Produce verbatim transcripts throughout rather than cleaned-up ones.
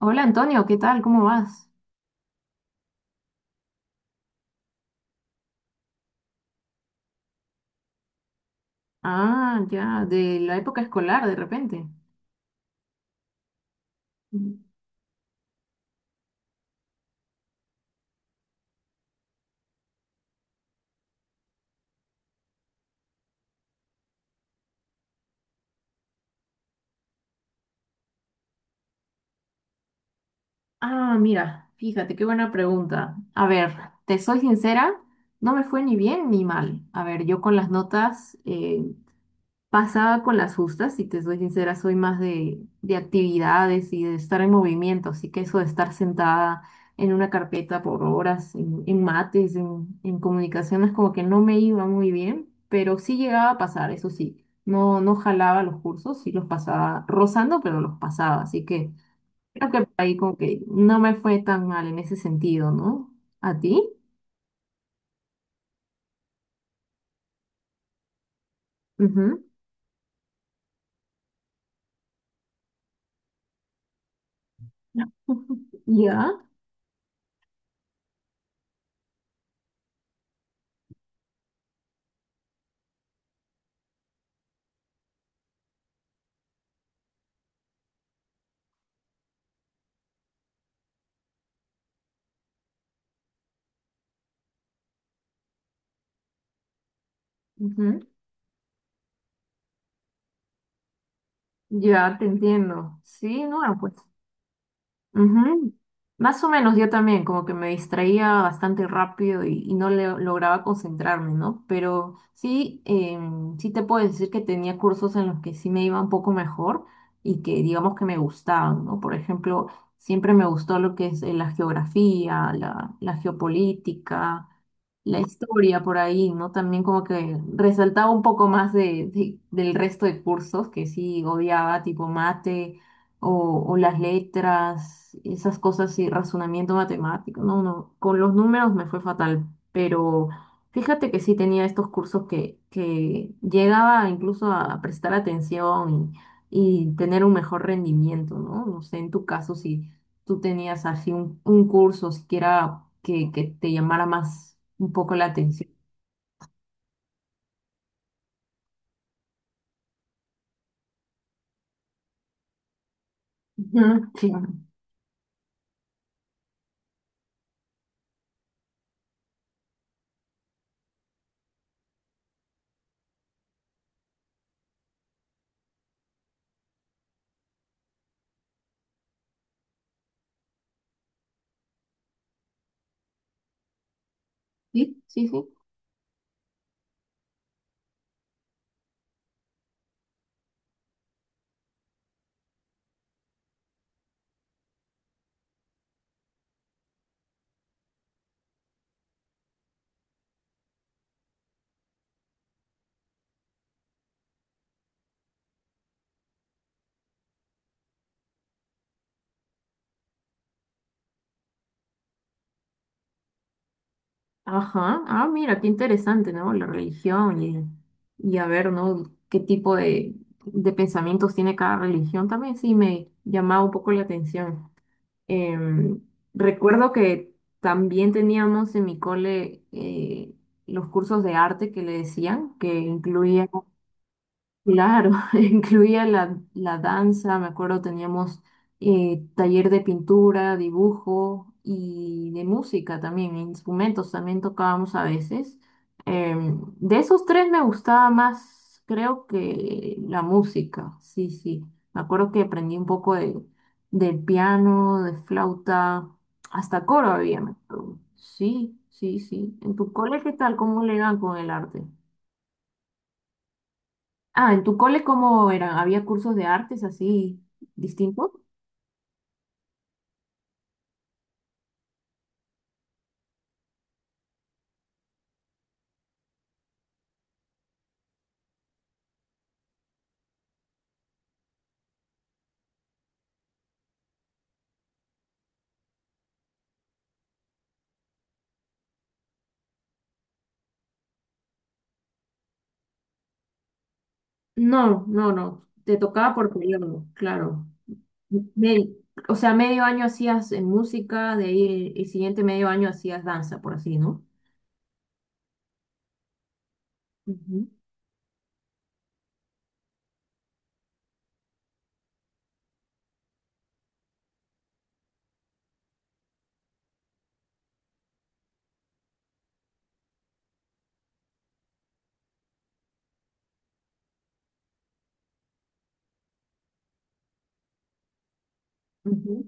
Hola Antonio, ¿qué tal? ¿Cómo vas? Ah, ya, de la época escolar de repente. Mm. Ah, mira, fíjate, qué buena pregunta. A ver, te soy sincera, no me fue ni bien ni mal. A ver, yo con las notas eh, pasaba con las justas, si te soy sincera, soy más de, de actividades y de estar en movimiento, así que eso de estar sentada en una carpeta por horas, en, en mates, en, en comunicaciones, como que no me iba muy bien, pero sí llegaba a pasar, eso sí, no, no jalaba los cursos, sí los pasaba rozando, pero los pasaba, así que creo que ahí como que no me fue tan mal en ese sentido, ¿no? ¿A ti? Ujú. Ya, ujú. Ya te entiendo. Sí, no, pues. Ujú. Más o menos yo también, como que me distraía bastante rápido y, y no le- lograba concentrarme, ¿no? Pero sí, em, sí te puedo decir que tenía cursos en los que sí me iba un poco mejor y que digamos que me gustaban, ¿no? Por ejemplo, siempre me gustó lo que es eh, la geografía, la, la geopolítica, la historia por ahí, ¿no? También como que resaltaba un poco más de, de- del resto de cursos que sí odiaba, tipo mate o, o las letras, esas cosas y razonamiento matemático. No, no, con los números me fue fatal, pero fíjate que sí tenía estos cursos que, que llegaba incluso a prestar atención y, y tener un mejor rendimiento, ¿no? No sé, en tu caso, si tú tenías así un, un curso siquiera que, que te llamara más un poco la atención. Ujú, sí. Sí, sí, sí. Ajá, ah, mira, qué interesante, ¿no? La religión y, y a ver, ¿no? ¿Qué tipo de, de pensamientos tiene cada religión? También sí me llamaba un poco la atención. Em, recuerdo que también teníamos en mi cole eh, los cursos de arte que le decían, que incluían. Claro, incluía la, la danza, me acuerdo teníamos eh, taller de pintura, dibujo y de música también, instrumentos también tocábamos a veces. Em, de esos tres me gustaba más, creo que la música, sí, sí. Me acuerdo que aprendí un poco de, del piano, de flauta, hasta coro había. Me acuerdo. Sí, sí, sí. ¿En tu cole qué tal? ¿Cómo le dan con el arte? Ah, ¿en tu cole cómo eran? ¿Había cursos de artes así distintos? No, no, no. Te tocaba por periodo, claro. Me- o sea, medio año hacías eh, música, de ahí el, el siguiente medio año hacías danza, por así, ¿no? Ujú, ujú.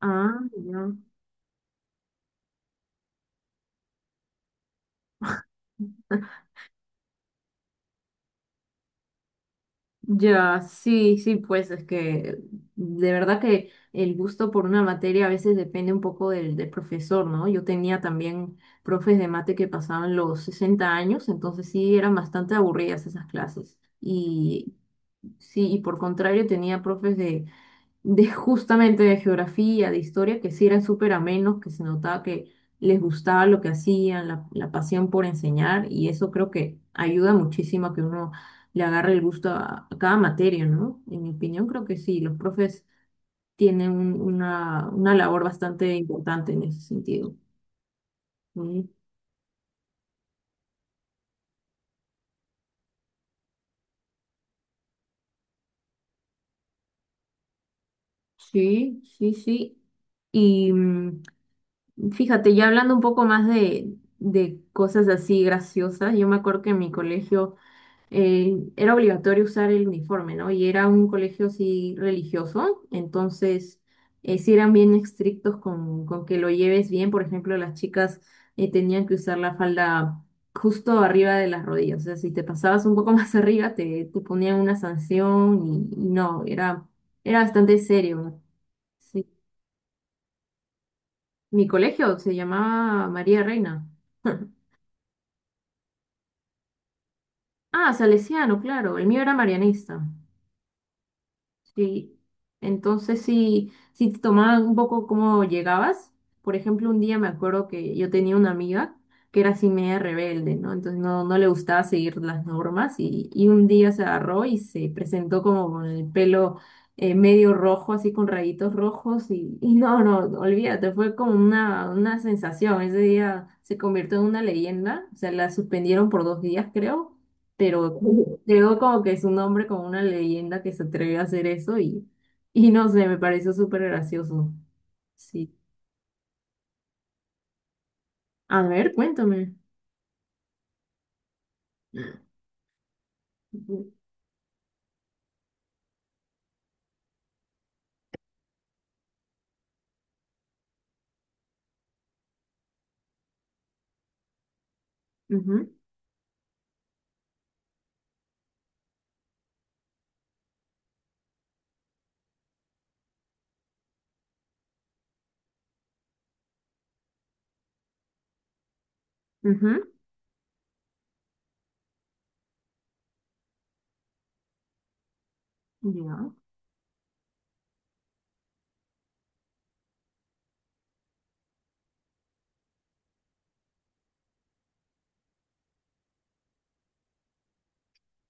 Ah, ya. Ya, sí, sí, pues es que de verdad que el gusto por una materia a veces depende un poco del, del profesor, ¿no? Yo tenía también profes de mate que pasaban los sesenta años, entonces sí eran bastante aburridas esas clases. Y sí, y por contrario tenía profes de, de justamente de geografía, de historia, que sí eran súper amenos, que se notaba que les gustaba lo que hacían, la, la pasión por enseñar, y eso creo que ayuda muchísimo a que uno le agarre el gusto a, a cada materia, ¿no? En mi opinión, creo que sí, los profes tienen un- una, una labor bastante importante en ese sentido. Mm, sí, sí, sí. Y mm, fíjate, ya hablando un poco más de, de cosas así graciosas, yo me acuerdo que en mi colegio eh, era obligatorio usar el uniforme, ¿no? Y era un colegio sí religioso, entonces eh, sí eran bien estrictos con, con que lo lleves bien. Por ejemplo, las chicas eh, tenían que usar la falda justo arriba de las rodillas, o sea, si te pasabas un poco más arriba te, te ponían una sanción y, y no, era, era bastante serio. Sí. Mi colegio se llamaba María Reina. Ah, Salesiano, claro, el mío era marianista. Sí, entonces si, si te tomaban un poco cómo llegabas, por ejemplo, un día me acuerdo que yo tenía una amiga que era así media rebelde, ¿no? Entonces no, no le gustaba seguir las normas y, y un día se agarró y se presentó como con el pelo eh, medio rojo, así con rayitos rojos y, y no, no, olvídate, fue como una, una sensación, ese día se convirtió en una leyenda, o sea, la suspendieron por dos días, creo, pero creo como que es un hombre como una leyenda que se atreve a hacer eso y, y no sé, me pareció súper gracioso. Sí. A ver, cuéntame. Ujú, ujú, ujú. Ya.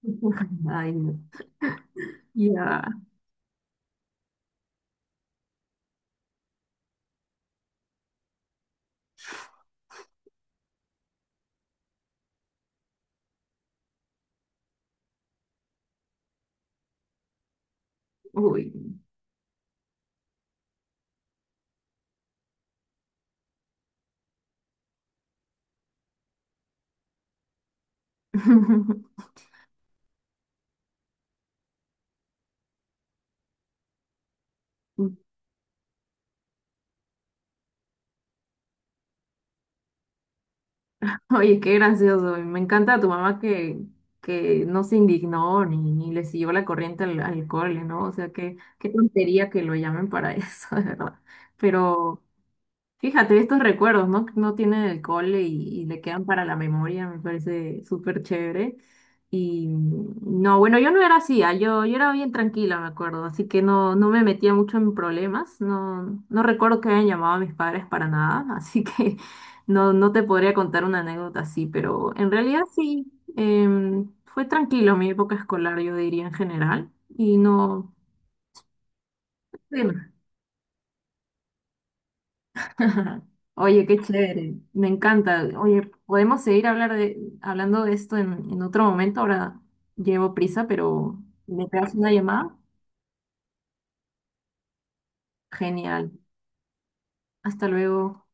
Ay, no. Ya. Uy. Oye, qué gracioso. Y me encanta tu mamá que, que no se indignó ni, ni le siguió la corriente al, al cole, ¿no? O sea, qué, qué tontería que lo llamen para eso, de verdad. Pero. Fíjate, estos recuerdos, ¿no? Que no tienen el cole y, y le quedan para la memoria, me parece súper chévere. Y mm, no, bueno, yo no era así, ah, Yo, yo era bien tranquila, me acuerdo, así que no, no me metía mucho en problemas, no, no recuerdo que hayan llamado a mis padres para nada, así que no, no te podría contar una anécdota así, pero en realidad sí, em, fue tranquilo mi época escolar, yo diría en general, y no... Sí. Oye, qué chévere, me encanta. Oye, podemos seguir hablar de, hablando de esto en, en otro momento. Ahora llevo prisa, pero me pegas una llamada. Genial. Hasta luego.